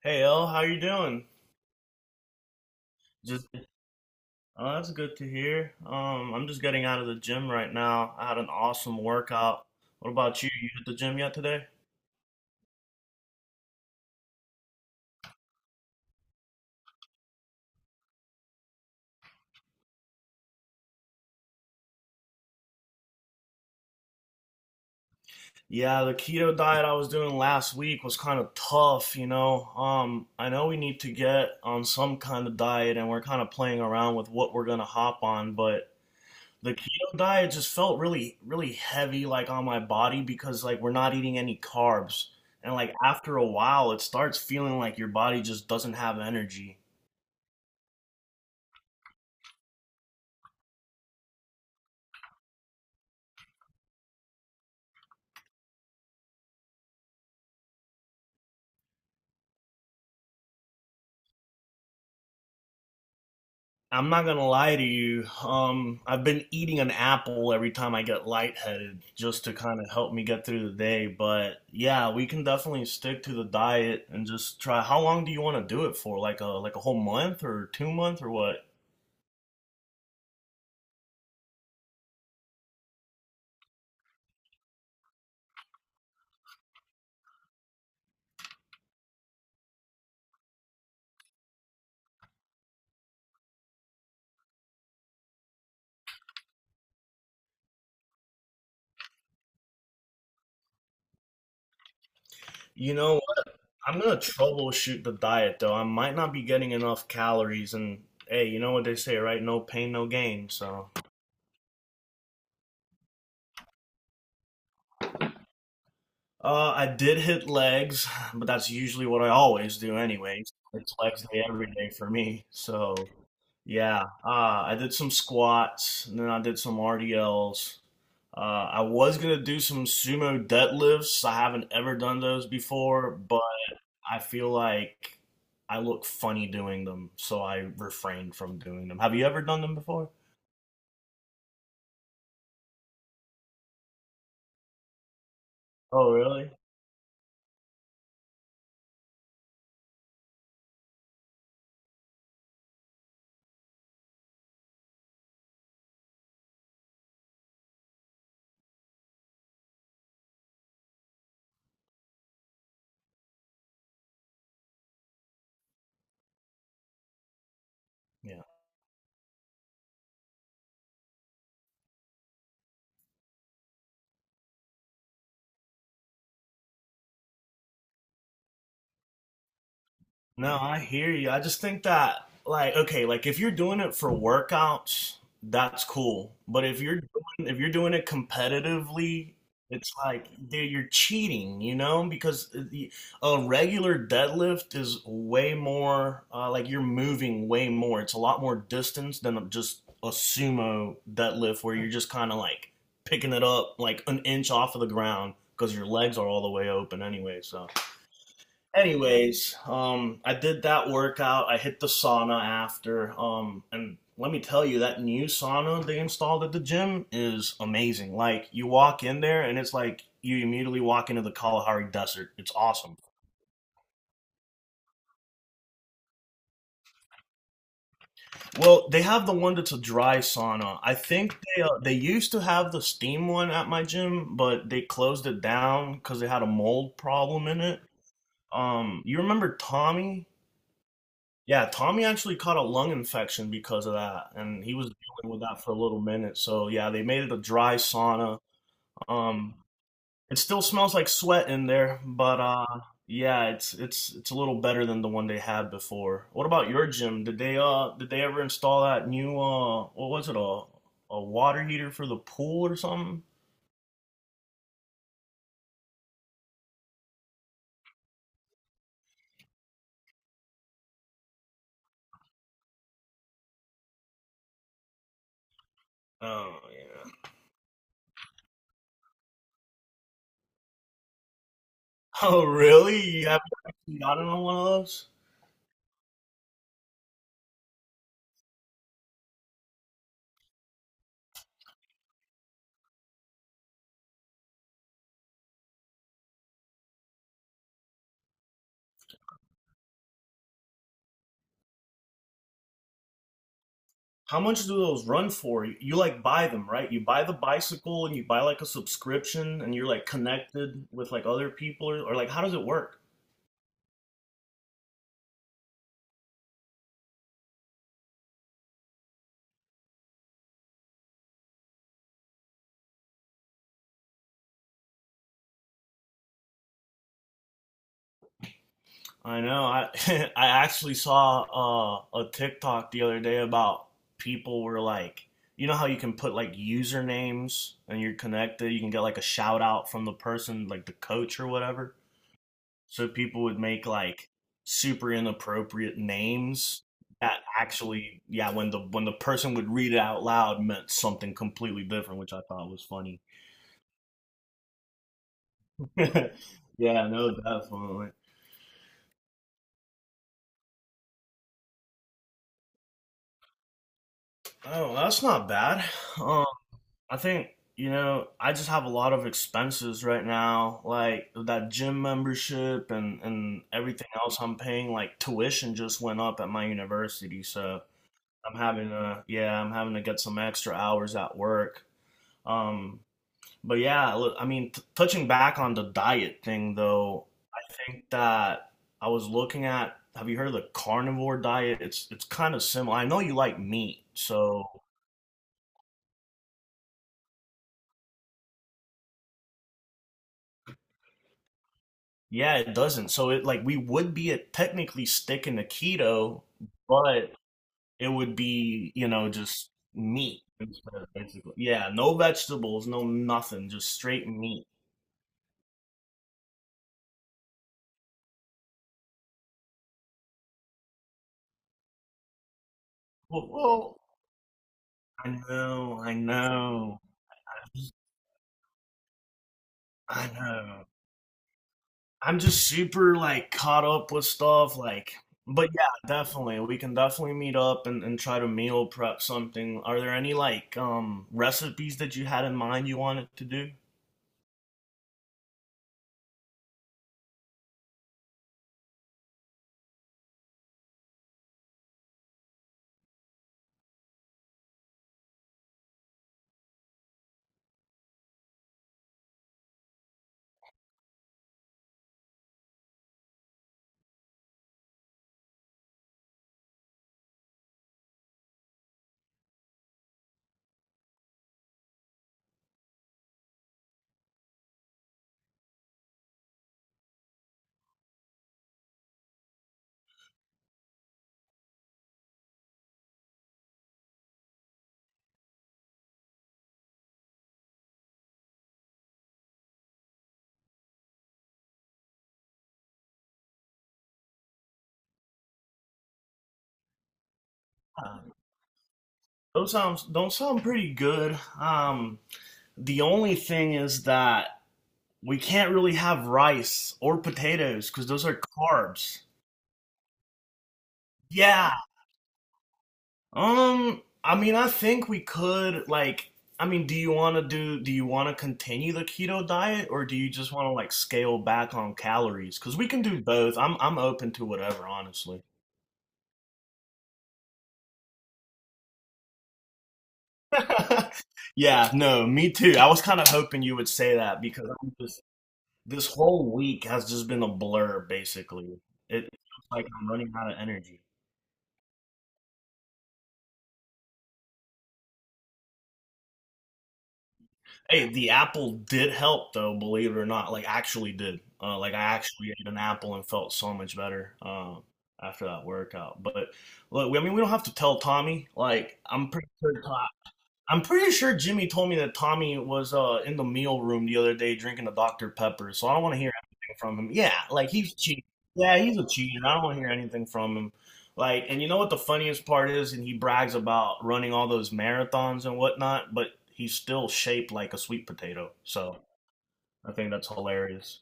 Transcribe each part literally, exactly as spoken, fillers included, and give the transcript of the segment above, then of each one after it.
Hey L, how you doing? Just oh, that's good to hear. Um, I'm just getting out of the gym right now. I had an awesome workout. What about you? You hit the gym yet today? Yeah, the keto diet I was doing last week was kind of tough, you know. Um, I know we need to get on some kind of diet and we're kind of playing around with what we're gonna hop on, but the keto diet just felt really, really heavy, like on my body because like we're not eating any carbs. And like after a while, it starts feeling like your body just doesn't have energy. I'm not gonna lie to you. Um, I've been eating an apple every time I get lightheaded just to kind of help me get through the day. But yeah, we can definitely stick to the diet and just try. How long do you want to do it for? Like a like a whole month or two month or what? You know, I'm gonna troubleshoot the diet though. I might not be getting enough calories, and hey, you know what they say, right? No pain, no gain. So, uh, I did hit legs, but that's usually what I always do, anyways. It's legs day every day for me. So, yeah, uh, I did some squats, and then I did some R D Ls. Uh, I was gonna do some sumo deadlifts. I haven't ever done those before, but I feel like I look funny doing them, so I refrain from doing them. Have you ever done them before? Oh, really? Yeah. No, I hear you. I just think that, like, okay, like if you're doing it for workouts, that's cool. But if you're doing, if you're doing it competitively, it's like, dude, you're cheating, you know? Because the, a regular deadlift is way more, uh, like you're moving way more. It's a lot more distance than just a sumo deadlift where you're just kind of like picking it up like an inch off of the ground because your legs are all the way open anyway. So anyways, um, I did that workout. I hit the sauna after. Um, and let me tell you, that new sauna they installed at the gym is amazing. Like, you walk in there and it's like you immediately walk into the Kalahari Desert. It's awesome. Well, they have the one that's a dry sauna. I think they uh, they used to have the steam one at my gym, but they closed it down because they had a mold problem in it. Um, you remember Tommy? Yeah, Tommy actually caught a lung infection because of that, and he was dealing with that for a little minute. So yeah, they made it a dry sauna. Um, it still smells like sweat in there, but uh, yeah, it's it's it's a little better than the one they had before. What about your gym? Did they uh did they ever install that new uh what was it, a a water heater for the pool or something? Oh yeah. Oh really? You haven't actually gotten on one of those? How much do those run for? You, you like buy them, right? You buy the bicycle and you buy like a subscription and you're like connected with like other people or, or like how does it work? I know. I I actually saw uh, a TikTok the other day about people were like, you know how you can put like usernames and you're connected, you can get like a shout out from the person, like the coach or whatever. So people would make like super inappropriate names that actually, yeah, when the when the person would read it out loud meant something completely different, which I thought was funny. Yeah, no, definitely. Oh, that's not bad. Um, I think you know I just have a lot of expenses right now, like that gym membership and and everything else I'm paying. Like tuition just went up at my university, so I'm having to, yeah, I'm having to get some extra hours at work. Um, but yeah, look, I mean, t touching back on the diet thing though, I think that I was looking at, have you heard of the carnivore diet? It's it's kind of similar. I know you like meat, so yeah, it doesn't. So it like we would be at technically sticking to keto, but it would be, you know, just meat instead basically. Yeah, no vegetables, no nothing, just straight meat. Well, well, I know, I know, I know. I'm just super like caught up with stuff like but yeah, definitely. We can definitely meet up and, and try to meal prep something. Are there any like um recipes that you had in mind you wanted to do? Uh, those sounds don't sound pretty good. Um, the only thing is that we can't really have rice or potatoes because those are carbs. Yeah, Um, I mean, I think we could like. I mean, do you want to do? Do you want to continue the keto diet, or do you just want to like scale back on calories? Because we can do both. I'm I'm open to whatever, honestly. Yeah, no, me too. I was kind of hoping you would say that because I'm just this whole week has just been a blur, basically. It feels like I'm running out of energy. Hey, the apple did help though, believe it or not. Like actually did. Uh, like I actually ate an apple and felt so much better um, after that workout. But look, I mean, we don't have to tell Tommy. Like I'm pretty sure. Tom- I'm pretty sure Jimmy told me that Tommy was uh, in the meal room the other day drinking a doctor Pepper, so I don't want to hear anything from him. Yeah, like he's cheating. Yeah, he's a cheater. I don't want to hear anything from him. Like, and you know what the funniest part is? And he brags about running all those marathons and whatnot, but he's still shaped like a sweet potato. So I think that's hilarious.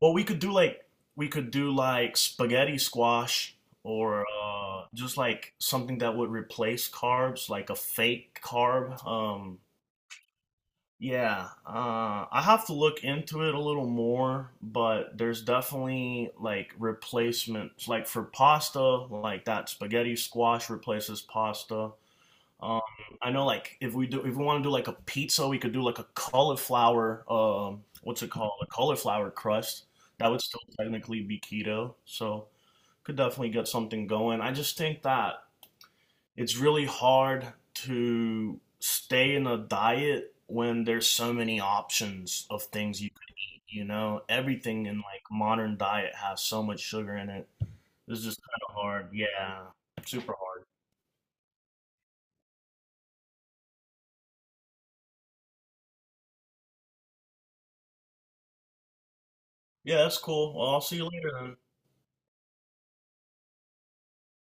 Well, we could do like we could do like spaghetti squash or uh, just like something that would replace carbs, like a fake carb. Um, Yeah, uh, I have to look into it a little more, but there's definitely like replacements, like for pasta, like that spaghetti squash replaces pasta. Um, I know, like if we do, if we want to do like a pizza, we could do like a cauliflower, um, what's it called, a cauliflower crust. That would still technically be keto, so could definitely get something going. I just think that it's really hard to stay in a diet when there's so many options of things you can, you know, everything in like modern diet has so much sugar in it, it's just kind of hard, yeah, super hard. Yeah, that's cool. Well, I'll see you later then.